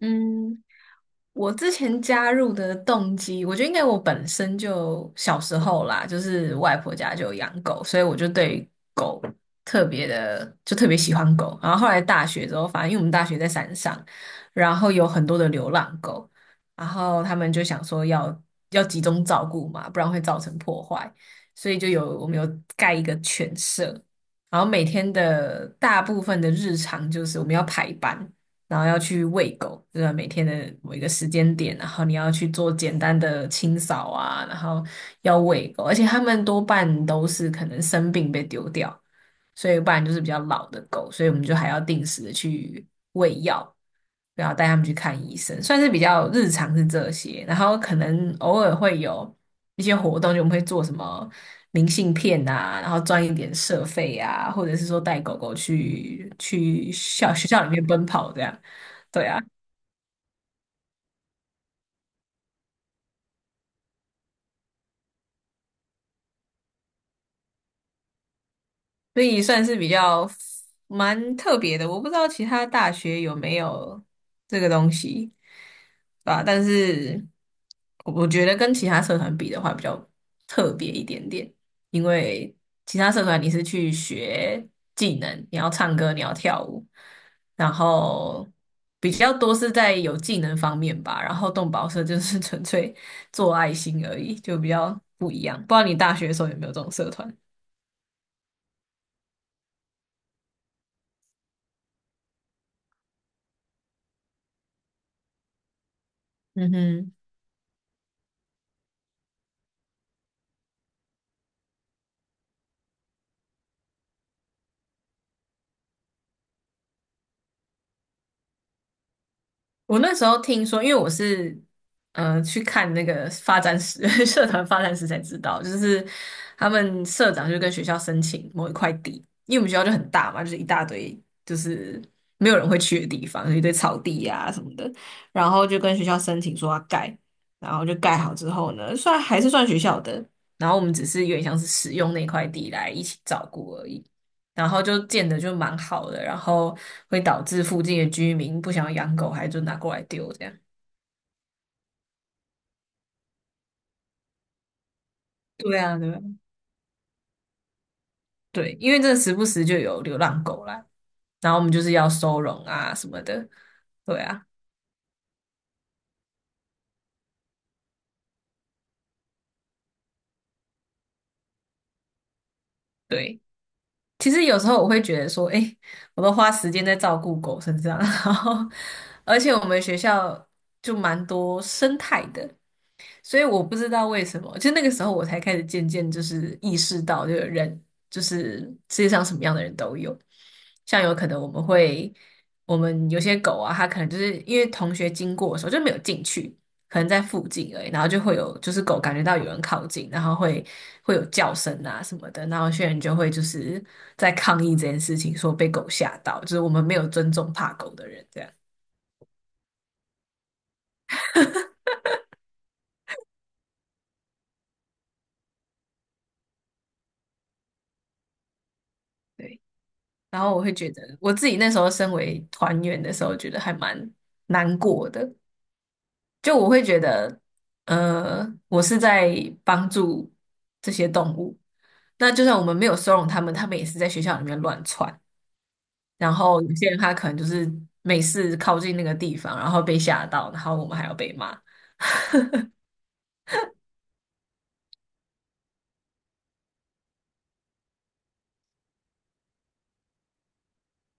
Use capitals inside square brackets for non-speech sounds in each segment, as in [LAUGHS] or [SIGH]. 嗯，我之前加入的动机，我觉得应该我本身就小时候啦，就是外婆家就有养狗，所以我就对狗特别的，就特别喜欢狗。然后后来大学之后，反正因为我们大学在山上，然后有很多的流浪狗，然后他们就想说要集中照顾嘛，不然会造成破坏，所以就有我们有盖一个犬舍，然后每天的大部分的日常就是我们要排班。然后要去喂狗，就是每天的某一个时间点，然后你要去做简单的清扫啊，然后要喂狗，而且他们多半都是可能生病被丢掉，所以不然就是比较老的狗，所以我们就还要定时的去喂药，然后带他们去看医生，算是比较日常是这些，然后可能偶尔会有一些活动，就我们会做什么明信片啊，然后赚一点社费啊，或者是说带狗狗去校学校里面奔跑这样，对啊。所以算是比较蛮特别的。我不知道其他大学有没有这个东西，对吧？但是我觉得跟其他社团比的话，比较特别一点点，因为其他社团你是去学技能，你要唱歌，你要跳舞，然后比较多是在有技能方面吧。然后动保社就是纯粹做爱心而已，就比较不一样。不知道你大学的时候有没有这种社团？嗯哼。我那时候听说，因为我是去看那个发展史 [LAUGHS] 社团发展史才知道，就是他们社长就跟学校申请某一块地，因为我们学校就很大嘛，就是一大堆就是没有人会去的地方，有一堆草地呀、什么的，然后就跟学校申请说要盖，然后就盖好之后呢，算还是算学校的，然后我们只是有点像是使用那块地来一起照顾而已。然后就建的就蛮好的，然后会导致附近的居民不想要养狗，还就拿过来丢这样。对啊，对啊，对，因为这时不时就有流浪狗啦，然后我们就是要收容啊什么的。对啊，对。其实有时候我会觉得说，诶，我都花时间在照顾狗身上，[LAUGHS] 然后而且我们学校就蛮多生态的，所以我不知道为什么，就那个时候我才开始渐渐就是意识到，这个人就是世界上什么样的人都有，像有可能我们会，我们有些狗啊，它可能就是因为同学经过的时候就没有进去，可能在附近而已，然后就会有就是狗感觉到有人靠近，然后会有叫声啊什么的，然后有些人就会就是在抗议这件事情，说被狗吓到，就是我们没有尊重怕狗的人这样。对，然后我会觉得我自己那时候身为团员的时候，觉得还蛮难过的，就我会觉得，我是在帮助这些动物。那就算我们没有收容他们，他们也是在学校里面乱窜，然后有些人他可能就是每次靠近那个地方，然后被吓到，然后我们还要被骂。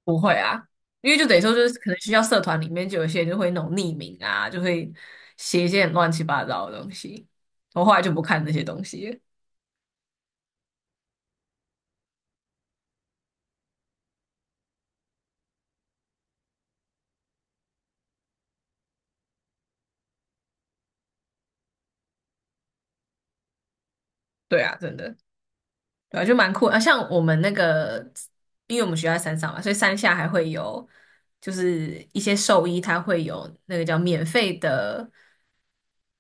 不会啊，因为就等于说就是可能学校社团里面就有些人就会那种匿名啊，就会写一些很乱七八糟的东西。我后来就不看这些东西了。对啊，真的，对啊，就蛮酷的啊。像我们那个，因为我们学校在山上嘛，所以山下还会有，就是一些兽医他会有那个叫免费的，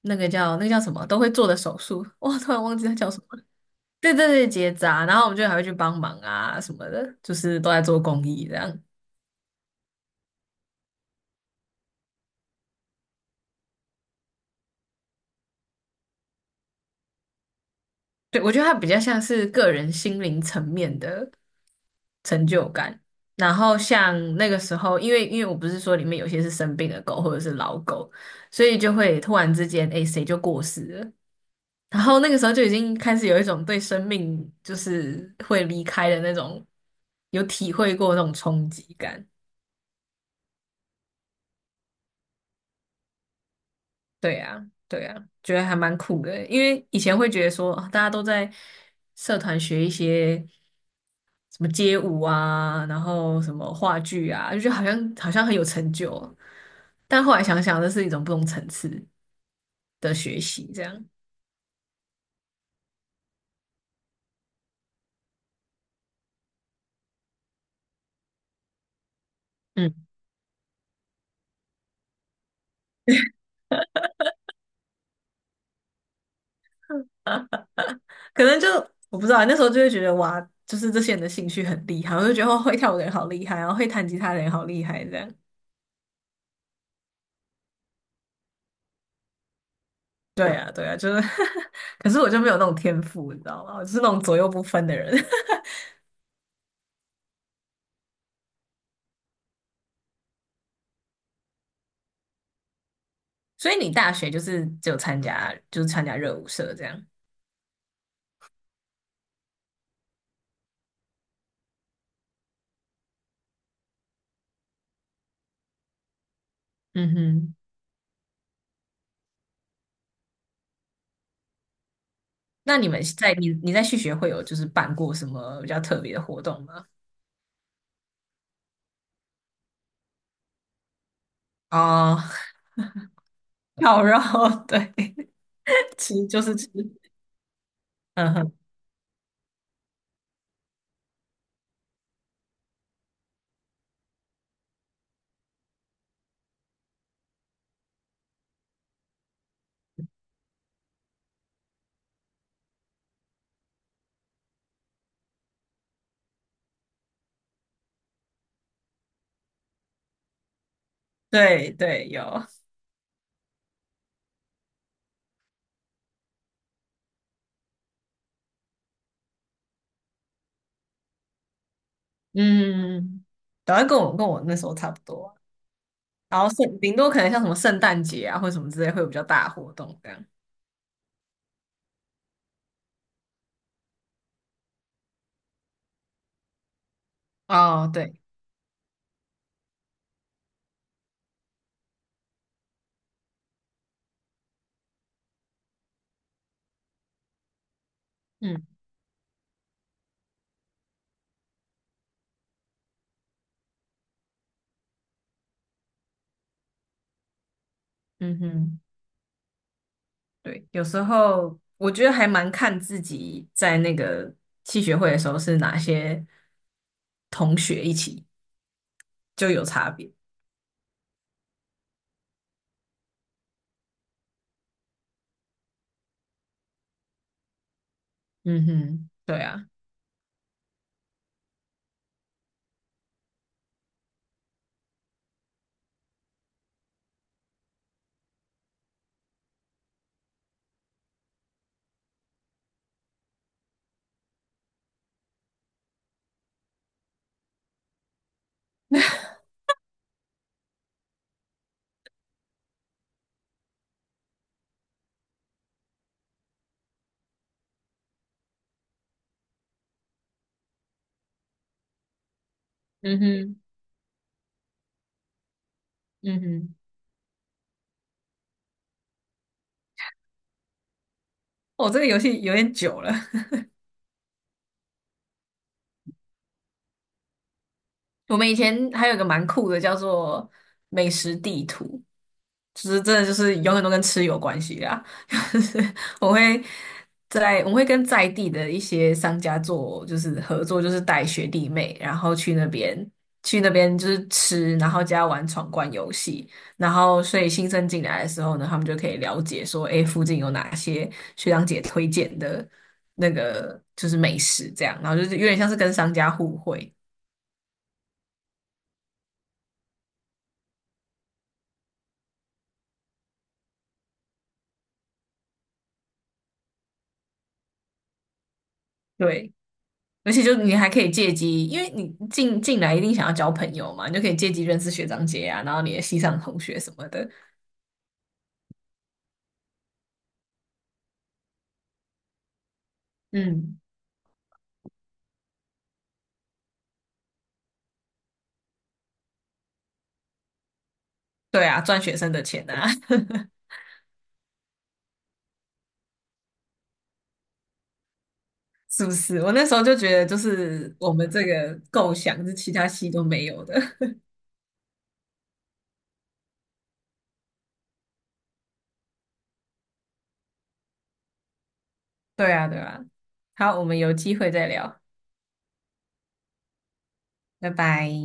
那个叫什么，都会做的手术。哇，突然忘记它叫什么。对对对，结扎，然后我们就还会去帮忙啊什么的，就是都在做公益这样。对，我觉得它比较像是个人心灵层面的成就感。然后像那个时候，因为我不是说里面有些是生病的狗或者是老狗，所以就会突然之间，哎，谁就过世了。然后那个时候就已经开始有一种对生命就是会离开的那种有体会过那种冲击感。对呀，对呀，觉得还蛮酷的。因为以前会觉得说，啊大家都在社团学一些什么街舞啊，然后什么话剧啊，就觉得好像好像很有成就哦。但后来想想，这是一种不同层次的学习，这样，嗯，可能就我不知道，那时候就会觉得哇，就是这些人的兴趣很厉害，我就觉得哦会跳舞的人好厉害，然后会弹吉他的人好厉害，这样。对啊，对啊，就是，[LAUGHS] 可是我就没有那种天赋，你知道吗？我就是那种左右不分的人。所以你大学就是只有参加，就是参加热舞社这样。嗯哼，那你们在你在续学会有就是办过什么比较特别的活动吗？哦，[LAUGHS] 烤肉，对，[LAUGHS] 吃就是吃，嗯哼，对对，有，嗯，然后跟我那时候差不多，然后圣顶多可能像什么圣诞节啊或者什么之类会有比较大的活动这样。哦，对，嗯嗯哼。对，有时候我觉得还蛮看自己在那个系学会的时候是哪些同学一起，就有差别。嗯哼，对啊，嗯哼，嗯哼，哦，这个游戏有点久了，[LAUGHS] 我们以前还有一个蛮酷的，叫做美食地图，就是真的就是永远都跟吃有关系啦。[LAUGHS] 就是我会在我们会跟在地的一些商家做就是合作，就是带学弟妹，然后去那边就是吃，然后加玩闯关游戏，然后所以新生进来的时候呢，他们就可以了解说，诶，附近有哪些学长姐推荐的那个就是美食这样，然后就是有点像是跟商家互惠，对。而且就你还可以借机，因为你进来一定想要交朋友嘛，你就可以借机认识学长姐啊，然后你的系上同学什么的。嗯，对啊，赚学生的钱啊，[LAUGHS] 是不是？我那时候就觉得，就是我们这个构想是其他系都没有的。[LAUGHS] 对啊，对啊。好，我们有机会再聊，拜拜。